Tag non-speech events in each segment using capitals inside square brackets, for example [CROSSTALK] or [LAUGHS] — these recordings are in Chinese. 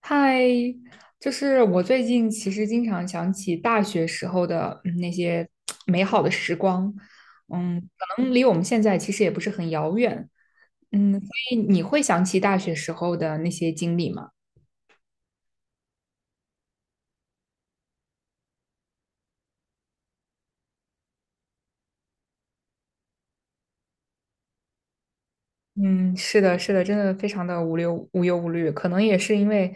嗨，就是我最近其实经常想起大学时候的那些美好的时光。嗯，可能离我们现在其实也不是很遥远。嗯，所以你会想起大学时候的那些经历吗？嗯，是的，是的，真的非常的无忧无虑，可能也是因为，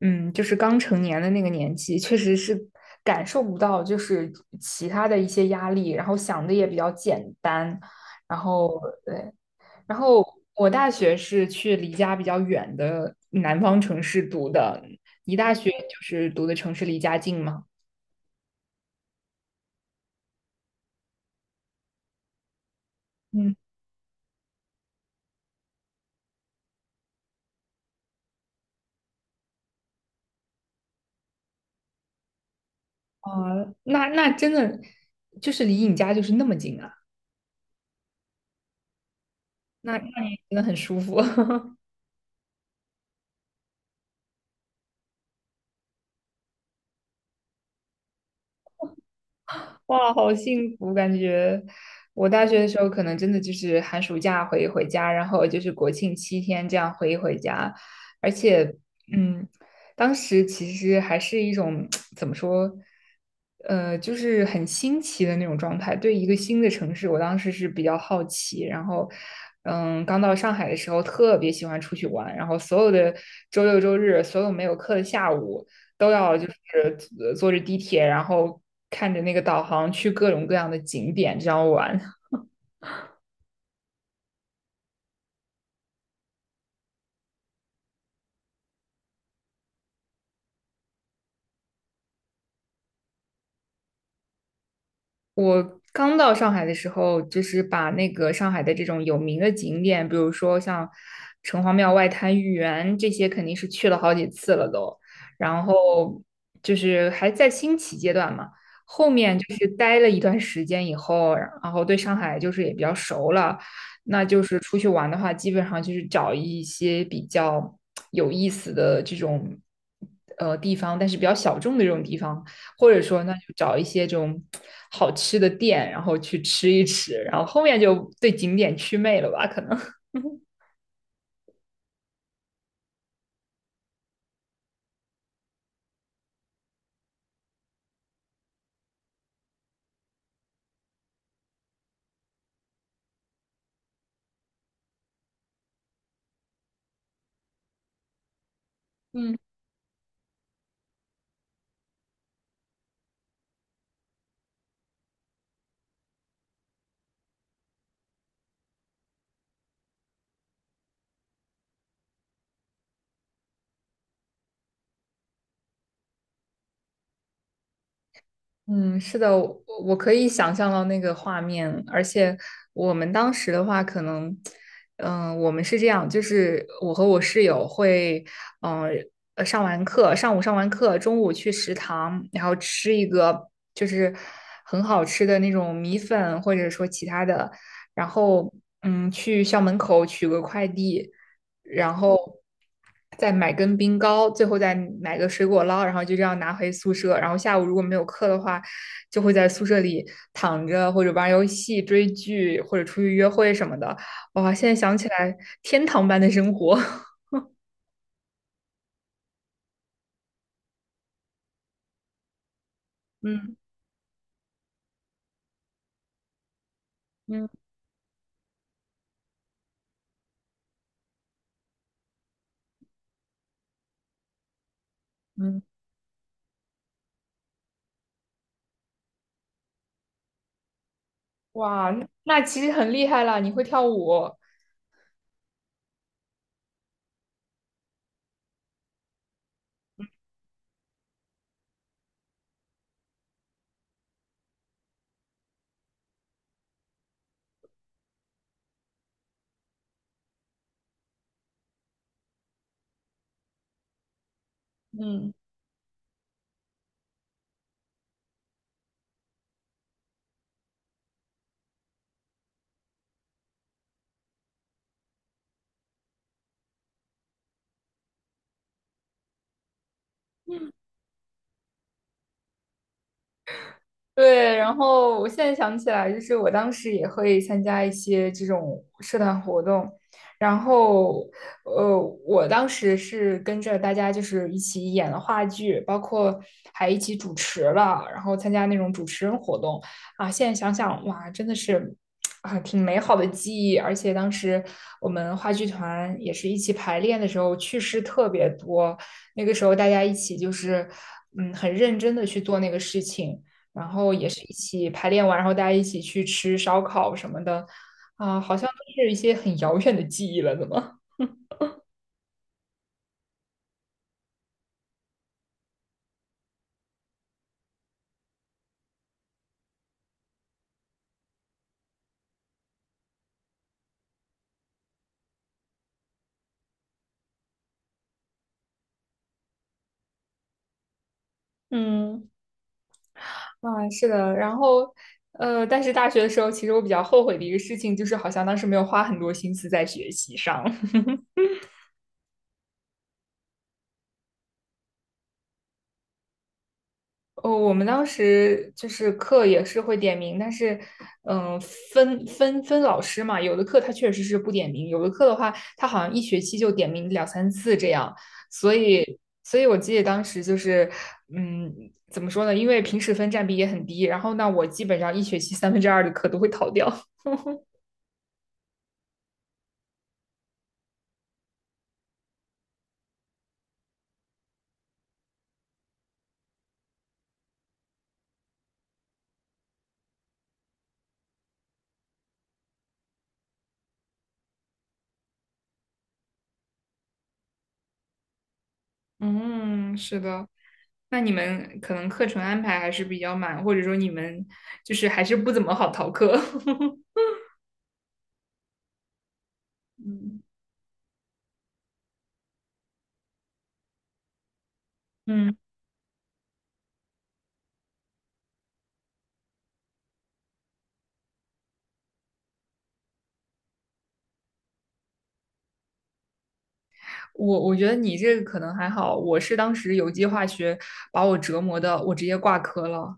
嗯，就是刚成年的那个年纪，确实是感受不到就是其他的一些压力，然后想的也比较简单。然后然后我大学是去离家比较远的南方城市读的，你大学就是读的城市离家近吗？嗯，啊、那真的就是离你家就是那么近啊，那你真的很舒服。[LAUGHS] 哇，好幸福！感觉我大学的时候，可能真的就是寒暑假回一回家，然后就是国庆七天这样回一回家。而且，嗯，当时其实还是一种 [TSK] 怎么说，就是很新奇的那种状态。对一个新的城市，我当时是比较好奇。然后，嗯，刚到上海的时候，特别喜欢出去玩，然后所有的周六周日，所有没有课的下午，都要就是坐着地铁，然后看着那个导航去各种各样的景点这样玩。我刚到上海的时候，就是把那个上海的这种有名的景点，比如说像城隍庙、外滩、豫园这些，肯定是去了好几次了都。然后就是还在兴起阶段嘛，后面就是待了一段时间以后，然后对上海就是也比较熟了，那就是出去玩的话，基本上就是找一些比较有意思的这种地方，但是比较小众的这种地方。或者说那就找一些这种好吃的店，然后去吃一吃，然后后面就对景点祛魅了吧？可能。[LAUGHS] 嗯。嗯，是的，我可以想象到那个画面，而且我们当时的话，可能，我们是这样，就是我和我室友会，嗯、上完课，上午上完课，中午去食堂，然后吃一个就是很好吃的那种米粉，或者说其他的，然后去校门口取个快递，然后再买根冰糕，最后再买个水果捞，然后就这样拿回宿舍。然后下午如果没有课的话，就会在宿舍里躺着或者玩游戏、追剧或者出去约会什么的。哇，现在想起来，天堂般的生活。[LAUGHS] 嗯嗯嗯，哇，那其实很厉害了，你会跳舞。嗯。对，然后我现在想起来，就是我当时也会参加一些这种社团活动，然后，呃，我当时是跟着大家就是一起演了话剧，包括还一起主持了，然后参加那种主持人活动啊。现在想想，哇，真的是啊，挺美好的记忆。而且当时我们话剧团也是一起排练的时候，趣事特别多。那个时候大家一起就是，嗯，很认真的去做那个事情。然后也是一起排练完，然后大家一起去吃烧烤什么的，啊，好像都是一些很遥远的记忆了，怎么？[LAUGHS] 嗯，啊，是的，然后，但是大学的时候，其实我比较后悔的一个事情，就是好像当时没有花很多心思在学习上。哦，我们当时就是课也是会点名，但是，嗯、分老师嘛，有的课他确实是不点名，有的课的话，他好像一学期就点名两三次这样，所以，所以我记得当时就是，嗯，怎么说呢？因为平时分占比也很低，然后呢，我基本上一学期三分之二的课都会逃掉。[LAUGHS] 嗯，是的。那你们可能课程安排还是比较满，或者说你们就是还是不怎么好逃课。[LAUGHS] 嗯。嗯。我觉得你这个可能还好，我是当时有机化学把我折磨的，我直接挂科了。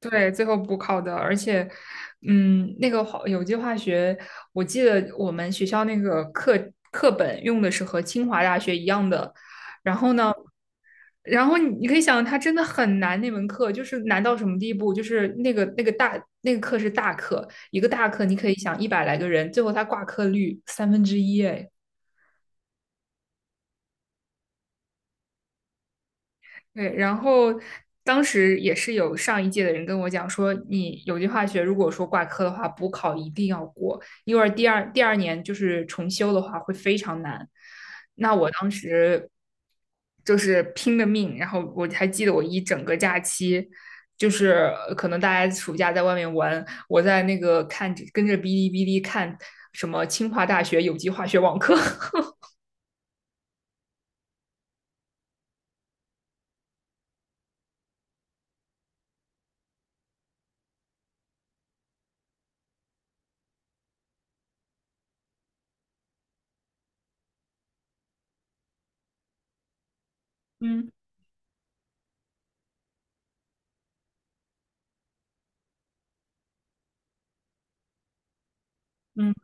对，最后补考的，而且，嗯，那个有机化学，我记得我们学校那个课本用的是和清华大学一样的，然后你可以想，它真的很难，那门课就是难到什么地步，就是那个大课是大课，一个大课你可以想一百来个人，最后它挂科率三分之一，哎。对，然后当时也是有上一届的人跟我讲说，你有机化学如果说挂科的话，补考一定要过，因为第二年就是重修的话会非常难。那我当时就是拼了命，然后我还记得我一整个假期，就是可能大家暑假在外面玩，我在那个看着跟着哔哩哔哩看什么清华大学有机化学网课。[LAUGHS] 嗯嗯。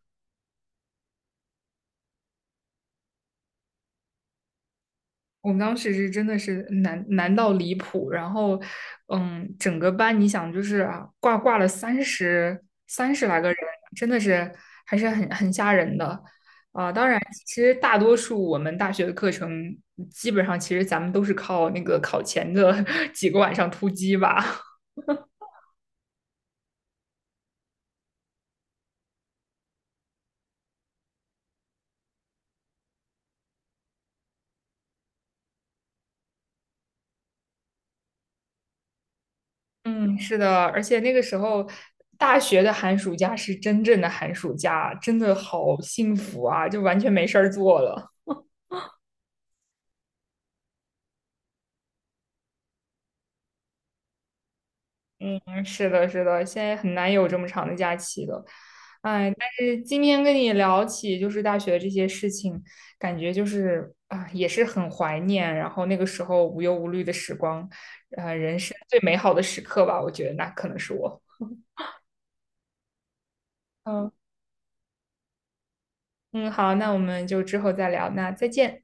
我们当时是真的是难到离谱，然后，嗯，整个班你想就是啊，挂了三十来个人，真的是还是很吓人的啊。当然，其实大多数我们大学的课程，基本上其实咱们都是靠那个考前的 [LAUGHS] 几个晚上突击吧。嗯，是的，而且那个时候大学的寒暑假是真正的寒暑假，真的好幸福啊，就完全没事儿做了。是的，是的，现在很难有这么长的假期了。哎，但是今天跟你聊起就是大学这些事情，感觉就是啊、也是很怀念，然后那个时候无忧无虑的时光，人生最美好的时刻吧，我觉得那可能是我。嗯嗯，好，那我们就之后再聊，那再见。